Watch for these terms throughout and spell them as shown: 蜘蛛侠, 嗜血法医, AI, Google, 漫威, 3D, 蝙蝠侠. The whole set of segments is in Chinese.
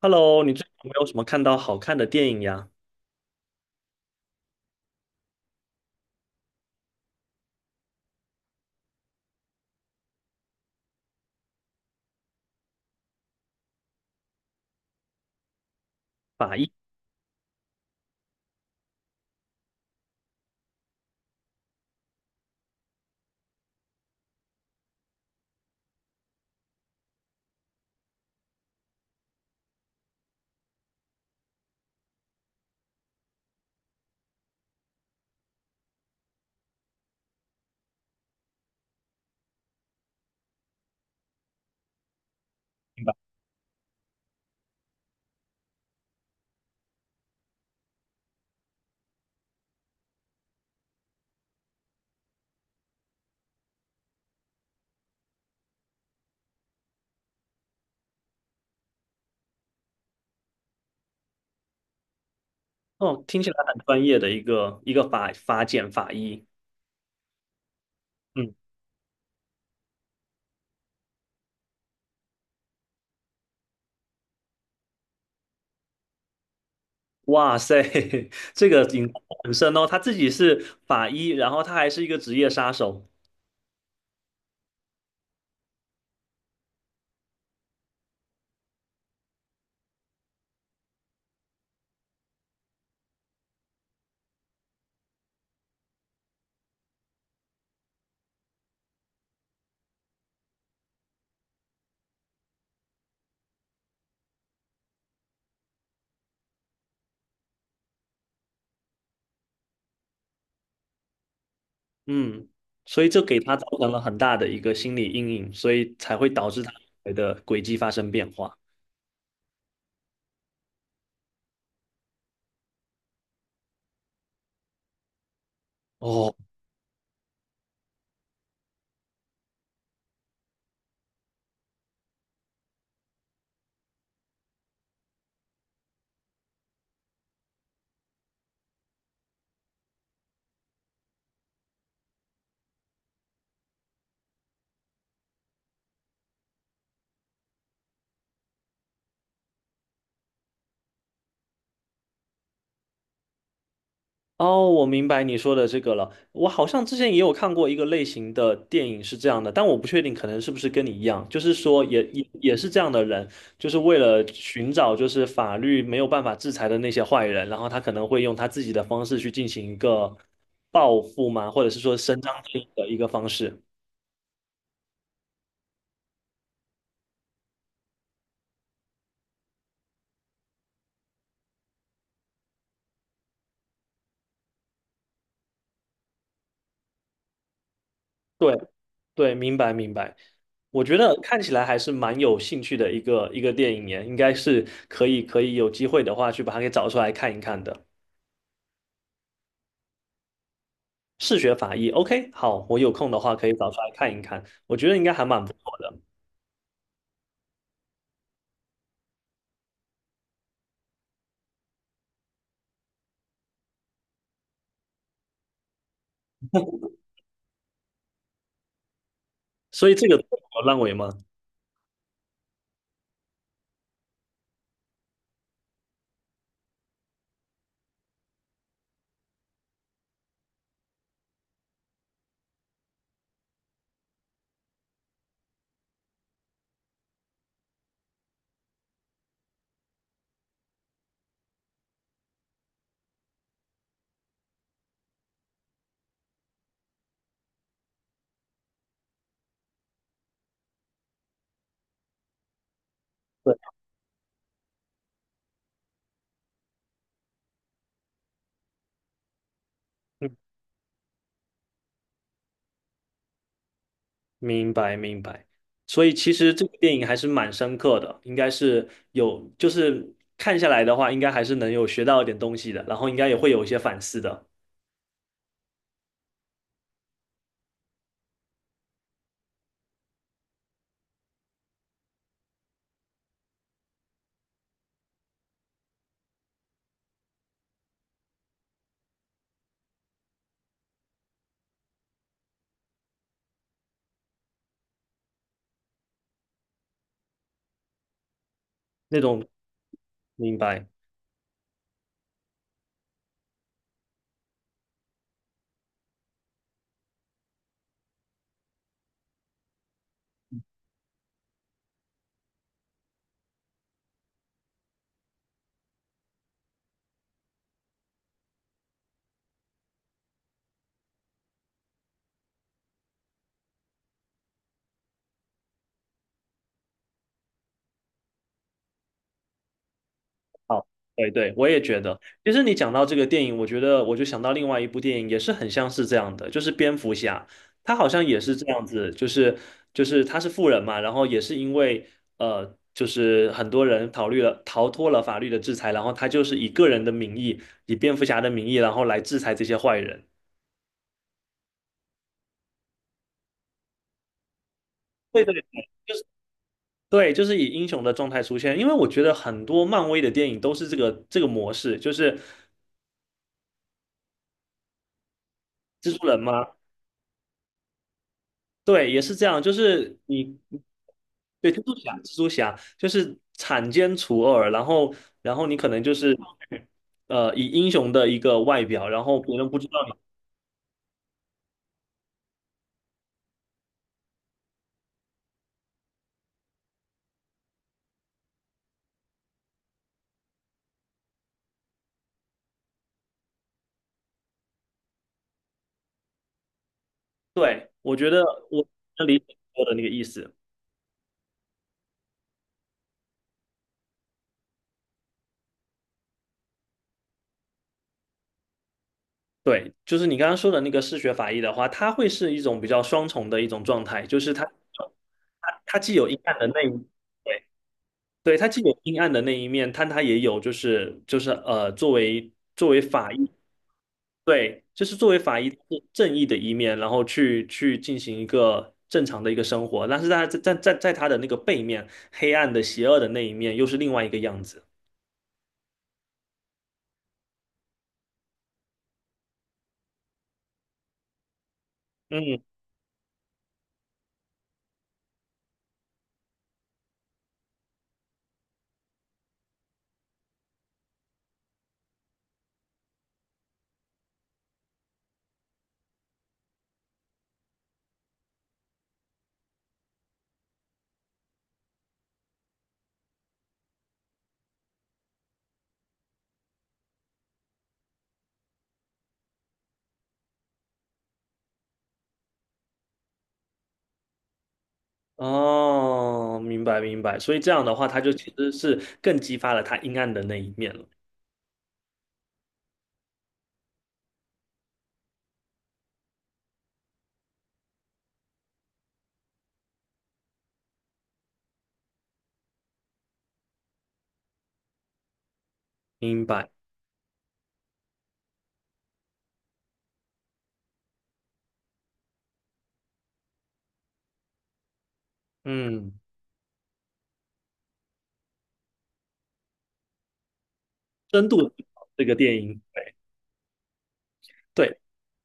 Hello，你最近有没有什么看到好看的电影呀？法医。哦，听起来很专业的一个法法检法医。嗯，哇塞，这个影很深哦。他自己是法医，然后他还是一个职业杀手。嗯，所以就给他造成了很大的一个心理阴影，所以才会导致他的轨迹发生变化。哦。哦，我明白你说的这个了。我好像之前也有看过一个类型的电影是这样的，但我不确定可能是不是跟你一样，就是说也是这样的人，就是为了寻找就是法律没有办法制裁的那些坏人，然后他可能会用他自己的方式去进行一个报复嘛，或者是说伸张正义的一个方式。对对，明白明白。我觉得看起来还是蛮有兴趣的一个电影耶，应该是可以有机会的话去把它给找出来看一看的。视觉法医，OK,好，我有空的话可以找出来看一看，我觉得应该还蛮不错的。所以这个我认为吗？对。嗯，明白明白。所以其实这个电影还是蛮深刻的，应该是有，就是看下来的话，应该还是能有学到一点东西的，然后应该也会有一些反思的那种。明白。好，对对，我也觉得。其实你讲到这个电影，我觉得我就想到另外一部电影，也是很像是这样的，就是蝙蝠侠，他好像也是这样子，就是就是他是富人嘛，然后也是因为就是很多人逃脱了法律的制裁，然后他就是以个人的名义，以蝙蝠侠的名义，然后来制裁这些坏人。对对对，就是以英雄的状态出现，因为我觉得很多漫威的电影都是这个模式，就是蜘蛛人嘛。对，也是这样，就是你对蜘蛛侠，蜘蛛侠就是铲奸除恶，然后然后你可能就是以英雄的一个外表，然后别人不知道你。对，我觉得我能理解你说的那个意思。对，就是你刚刚说的那个嗜血法医的话，它会是一种比较双重的一种状态，就是它既有阴暗的那一对对，它既有阴暗的那一面，但它也有就是作为法医。对，就是作为法医是正义的一面，然后去进行一个正常的一个生活，但是在他的那个背面，黑暗的、邪恶的那一面又是另外一个样子。嗯，哦，明白明白，所以这样的话，他就其实是更激发了他阴暗的那一面了。明白。嗯，深度这个电影，对，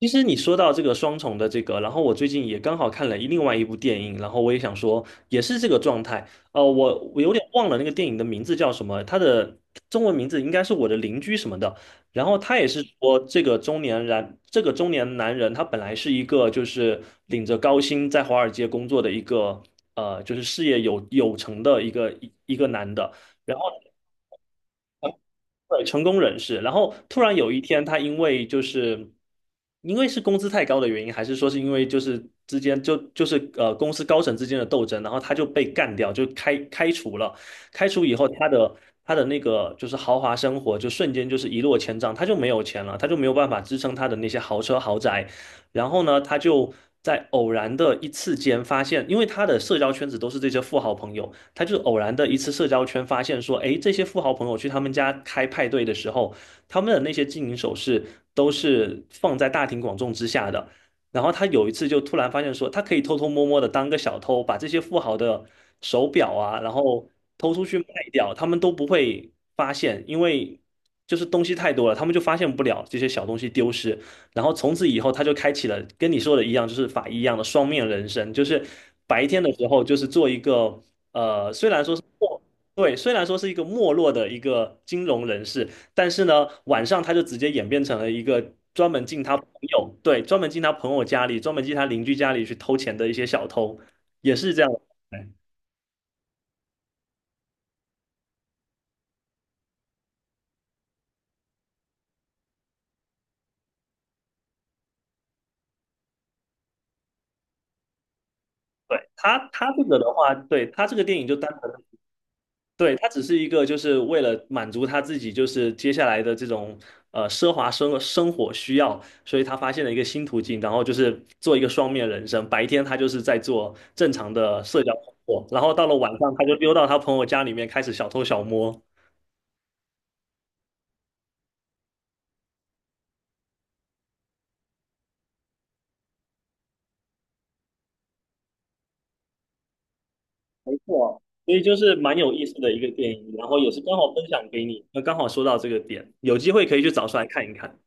其实你说到这个双重的这个，然后我最近也刚好看了一另外一部电影，然后我也想说，也是这个状态。我有点忘了那个电影的名字叫什么，它的中文名字应该是我的邻居什么的。然后他也是说，这个中年男人，他本来是一个就是领着高薪在华尔街工作的一个就是事业有成的一个男的。然后。对，成功人士，然后突然有一天，他因为因为是工资太高的原因，还是说是因为就是之间就是公司高层之间的斗争，然后他就被干掉，就开除了。开除以后，他的那个就是豪华生活就瞬间就是一落千丈，他就没有钱了，他就没有办法支撑他的那些豪车豪宅。然后呢，他就在偶然的一次间发现，因为他的社交圈子都是这些富豪朋友。他就偶然的一次社交圈发现说，诶，这些富豪朋友去他们家开派对的时候，他们的那些金银首饰都是放在大庭广众之下的。然后他有一次就突然发现说，他可以偷偷摸摸的当个小偷，把这些富豪的手表啊，然后偷出去卖掉，他们都不会发现，因为就是东西太多了，他们就发现不了这些小东西丢失。然后从此以后，他就开启了跟你说的一样，就是法医一样的双面人生，就是白天的时候就是做一个。虽然说是没，对，虽然说是一个没落的一个金融人士，但是呢，晚上他就直接演变成了一个专门进他朋友，对，专门进他朋友家里，专门进他邻居家里去偷钱的一些小偷，也是这样的。对，对他他这个的话，对他这个电影就单纯。对，他只是一个，就是为了满足他自己，就是接下来的这种奢华生活需要，所以他发现了一个新途径，然后就是做一个双面人生。白天他就是在做正常的社交工作，然后到了晚上他就溜到他朋友家里面开始小偷小摸。没错，所以就是蛮有意思的一个电影，然后也是刚好分享给你。那刚好说到这个点，有机会可以去找出来看一看。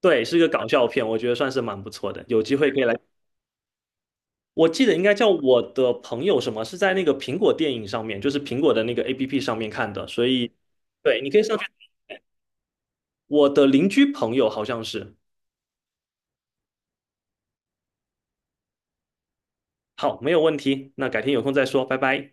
对，是一个搞笑片，我觉得算是蛮不错的，有机会可以来。我记得应该叫我的朋友什么，是在那个苹果电影上面，就是苹果的那个 APP 上面看的，所以对，你可以上去。我的邻居朋友好像是，好，没有问题，那改天有空再说，拜拜。